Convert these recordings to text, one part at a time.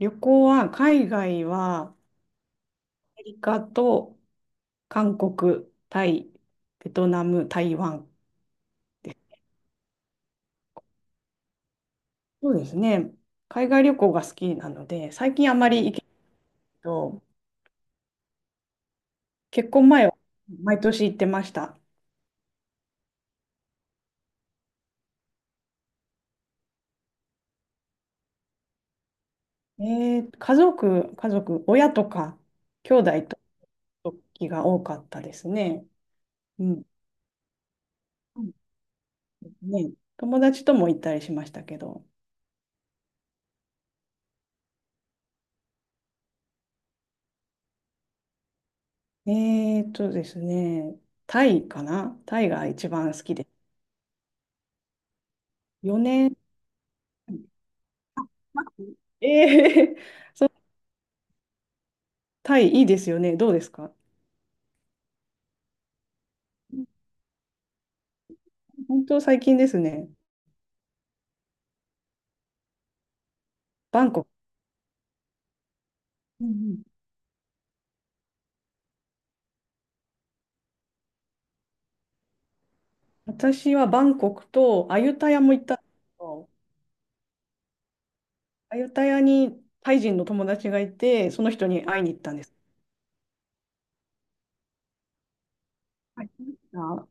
旅行は、海外は、アメリカと韓国、タイ、ベトナム、台湾です。そうですね。海外旅行が好きなので、最近あまり行けないけど、結婚前は毎年行ってました。え家族、親とか、兄弟と時が多かったですね。うん。そうですね。友達とも行ったりしましたけど。ですね、タイかな、タイが一番好きです。4年。ええー、タイいいですよね。どうですか？本当最近ですね。バンコク。うんうん。私はバンコクとアユタヤも行ったんですけど、アユタヤにタイ人の友達がいて、その人に会いに行ったんです。はい。あ、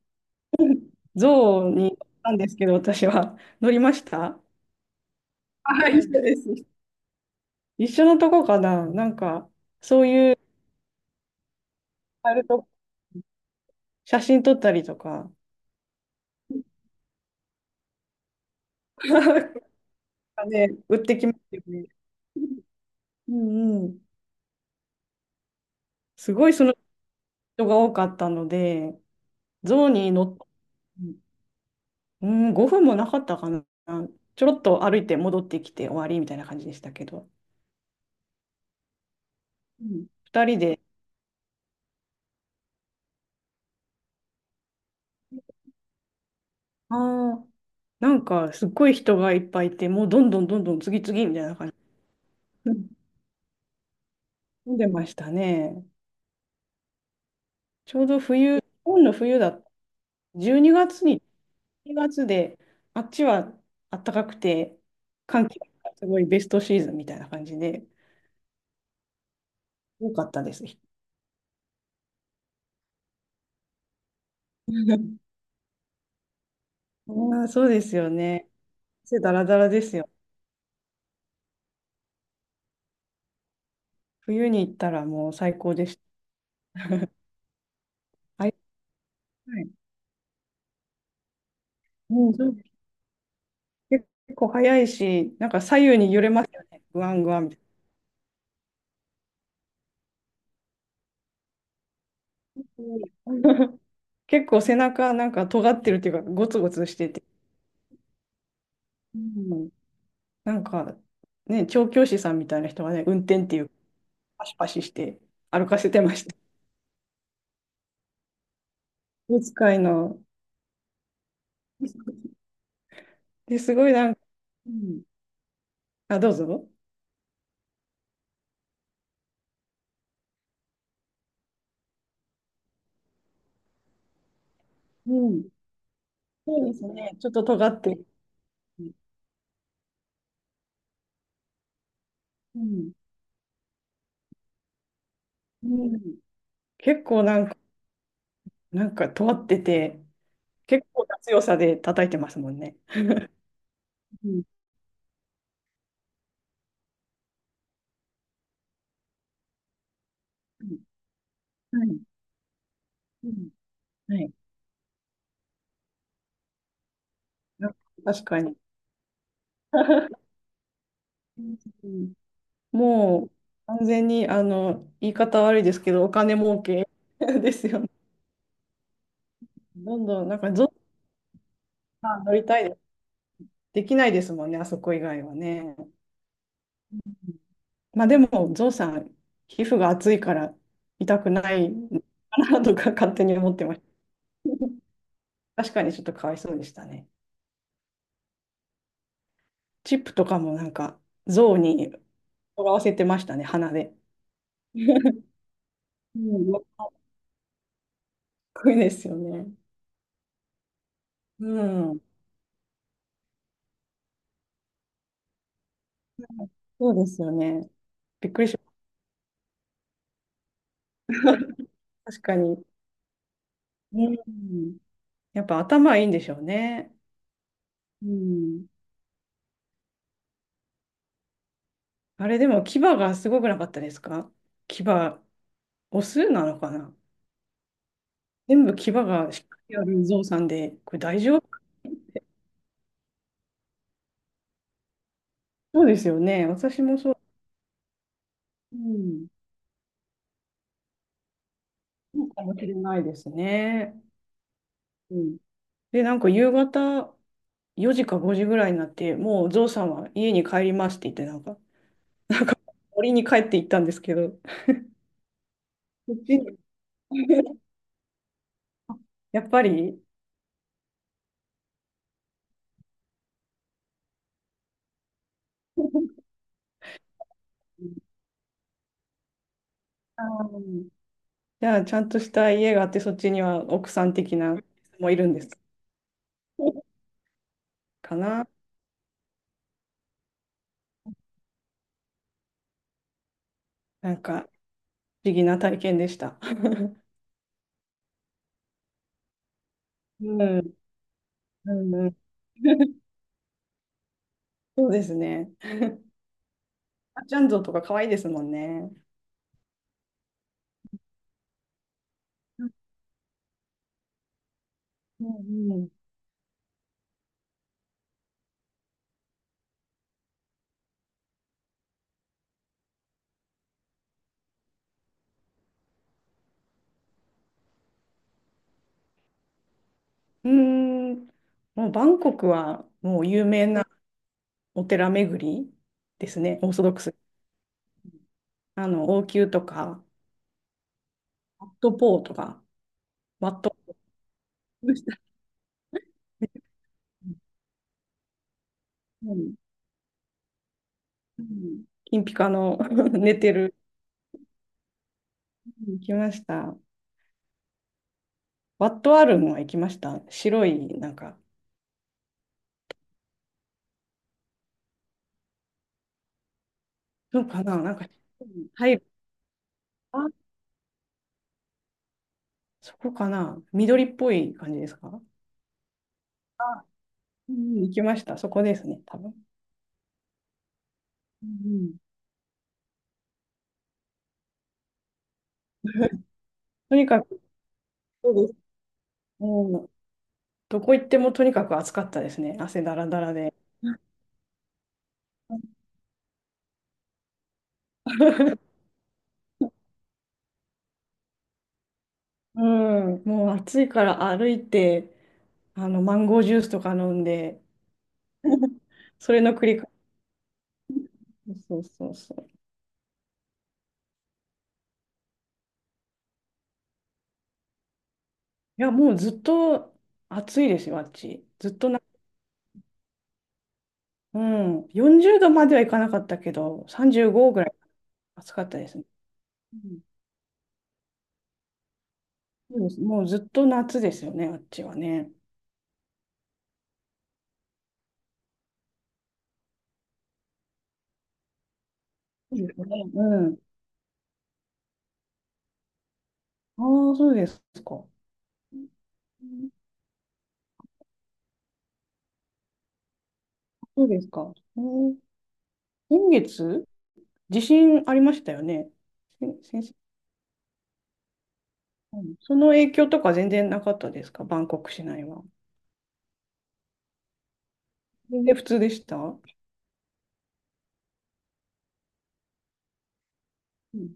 ゾウに乗ったんですけど、私は乗りました。はい、一緒です。一緒のとこかな、なんか、そういう、あると、写真撮ったりとか、ね、売ってきますよね。うんうん。すごいその人が多かったので、象に乗っ、うん、5分もなかったかな。ちょろっと歩いて戻ってきて終わりみたいな感じでしたけど、うん、2人で、ああ、なんかすっごい人がいっぱいいて、もうどんどんどんどん次々みたいな感じ。うん。飲んでましたね。ちょうど冬、日本の冬だった。12月にがつに、2月で、あっちは暖かくて、寒気がすごいベストシーズンみたいな感じで、多かったです。ああ、そうですよね。汗だらだらですよ。冬に行ったらもう最高でした。はい。はい、うん、そうです。結構早いし、なんか左右に揺れますよね。グワングワンみたいな。うん。 結構背中なんか尖ってるっていうか、ゴツゴツしてて。うん、なんかね、調教師さんみたいな人がね、運転っていう、パシパシして歩かせてました。お使いの。で、すごいなんか、うん、あ、どうぞ。うん、そうですね。ちょっと尖ってる。うん、うん、結構なんか尖ってて、結構な強さで叩いてますもんね。うん。うん、はい。うん、はい。なんか、確かに。うん。もう完全に、あの、言い方悪いですけど、お金儲け ですよね。どんどん、なんかゾウさん乗りたいです。できないですもんね、あそこ以外はね。まあでも、ゾウさん、皮膚が厚いから痛くないかなとか勝手に思ってました。確かにちょっとかわいそうでしたね。チップとかもなんか象にとらわせてましたね、鼻で。うん、かっこいいですよね。うん。そうですよね。びっくりしました。確かに。うん。やっぱ頭いいんでしょうね。うん。あれでも牙がすごくなかったですか？牙、オスなのかな。全部牙がしっかりある象さんで、これ大丈夫？そうですよね。私もそう。うん。そうかもしれないですね。うん。で、なんか夕方、4時か5時ぐらいになって、もうゾウさんは家に帰りますって言って、なんか、森に帰って行ったんですけど、こっちに、 やっぱり、あー、じゃあ、ちゃんとした家があって、そっちには奥さん的な人もいるんですかな。なんか、不思議な体験でした。うん、うんうん、そうですね。あちゃんゾウとか可愛いですもんね。うんうん、うーん、もうバンコクはもう有名なお寺巡りですね、オーソドックス。あの、応急とか、ワットポーとか、ワット、うんうん、金ピカの、 寝てる、行きました。ワットアルムは行きました。白い、なんか、そうかな、なんか、入る。あ、そこかな、緑っぽい感じですか？あ、うん、行きました。そこですね、多分。うん、 とにかく、そうです。うん、どこ行ってもとにかく暑かったですね。汗だらだらで。うん、もう暑いから歩いて、あの、マンゴージュースとか飲んで、それの繰り返し。そうそうそう。いや、もうずっと暑いですよ、あっち。ずっとな、うん、40度まではいかなかったけど、35ぐらい暑かったですね。うん、そうです。もうずっと夏ですよね、あっちはね。そうですね。うん。ああ、そうですか。うん、そうですか。うん、先月、地震ありましたよね。先生、うん、その影響とか全然なかったですか、バンコク市内は。全然普通でした？うん。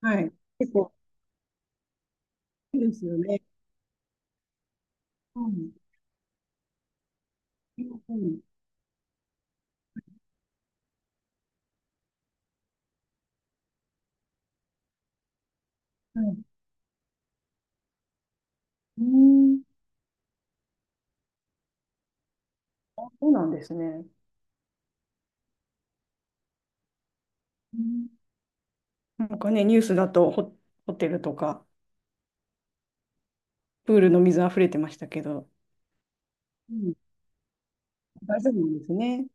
はい。結構。いいですよね。うん。うん。はい。うーん。あ、そうなんですね。うん。なんかね、ニュースだと、ホテルとか、プールの水溢れてましたけど、うん。大丈夫なんですね。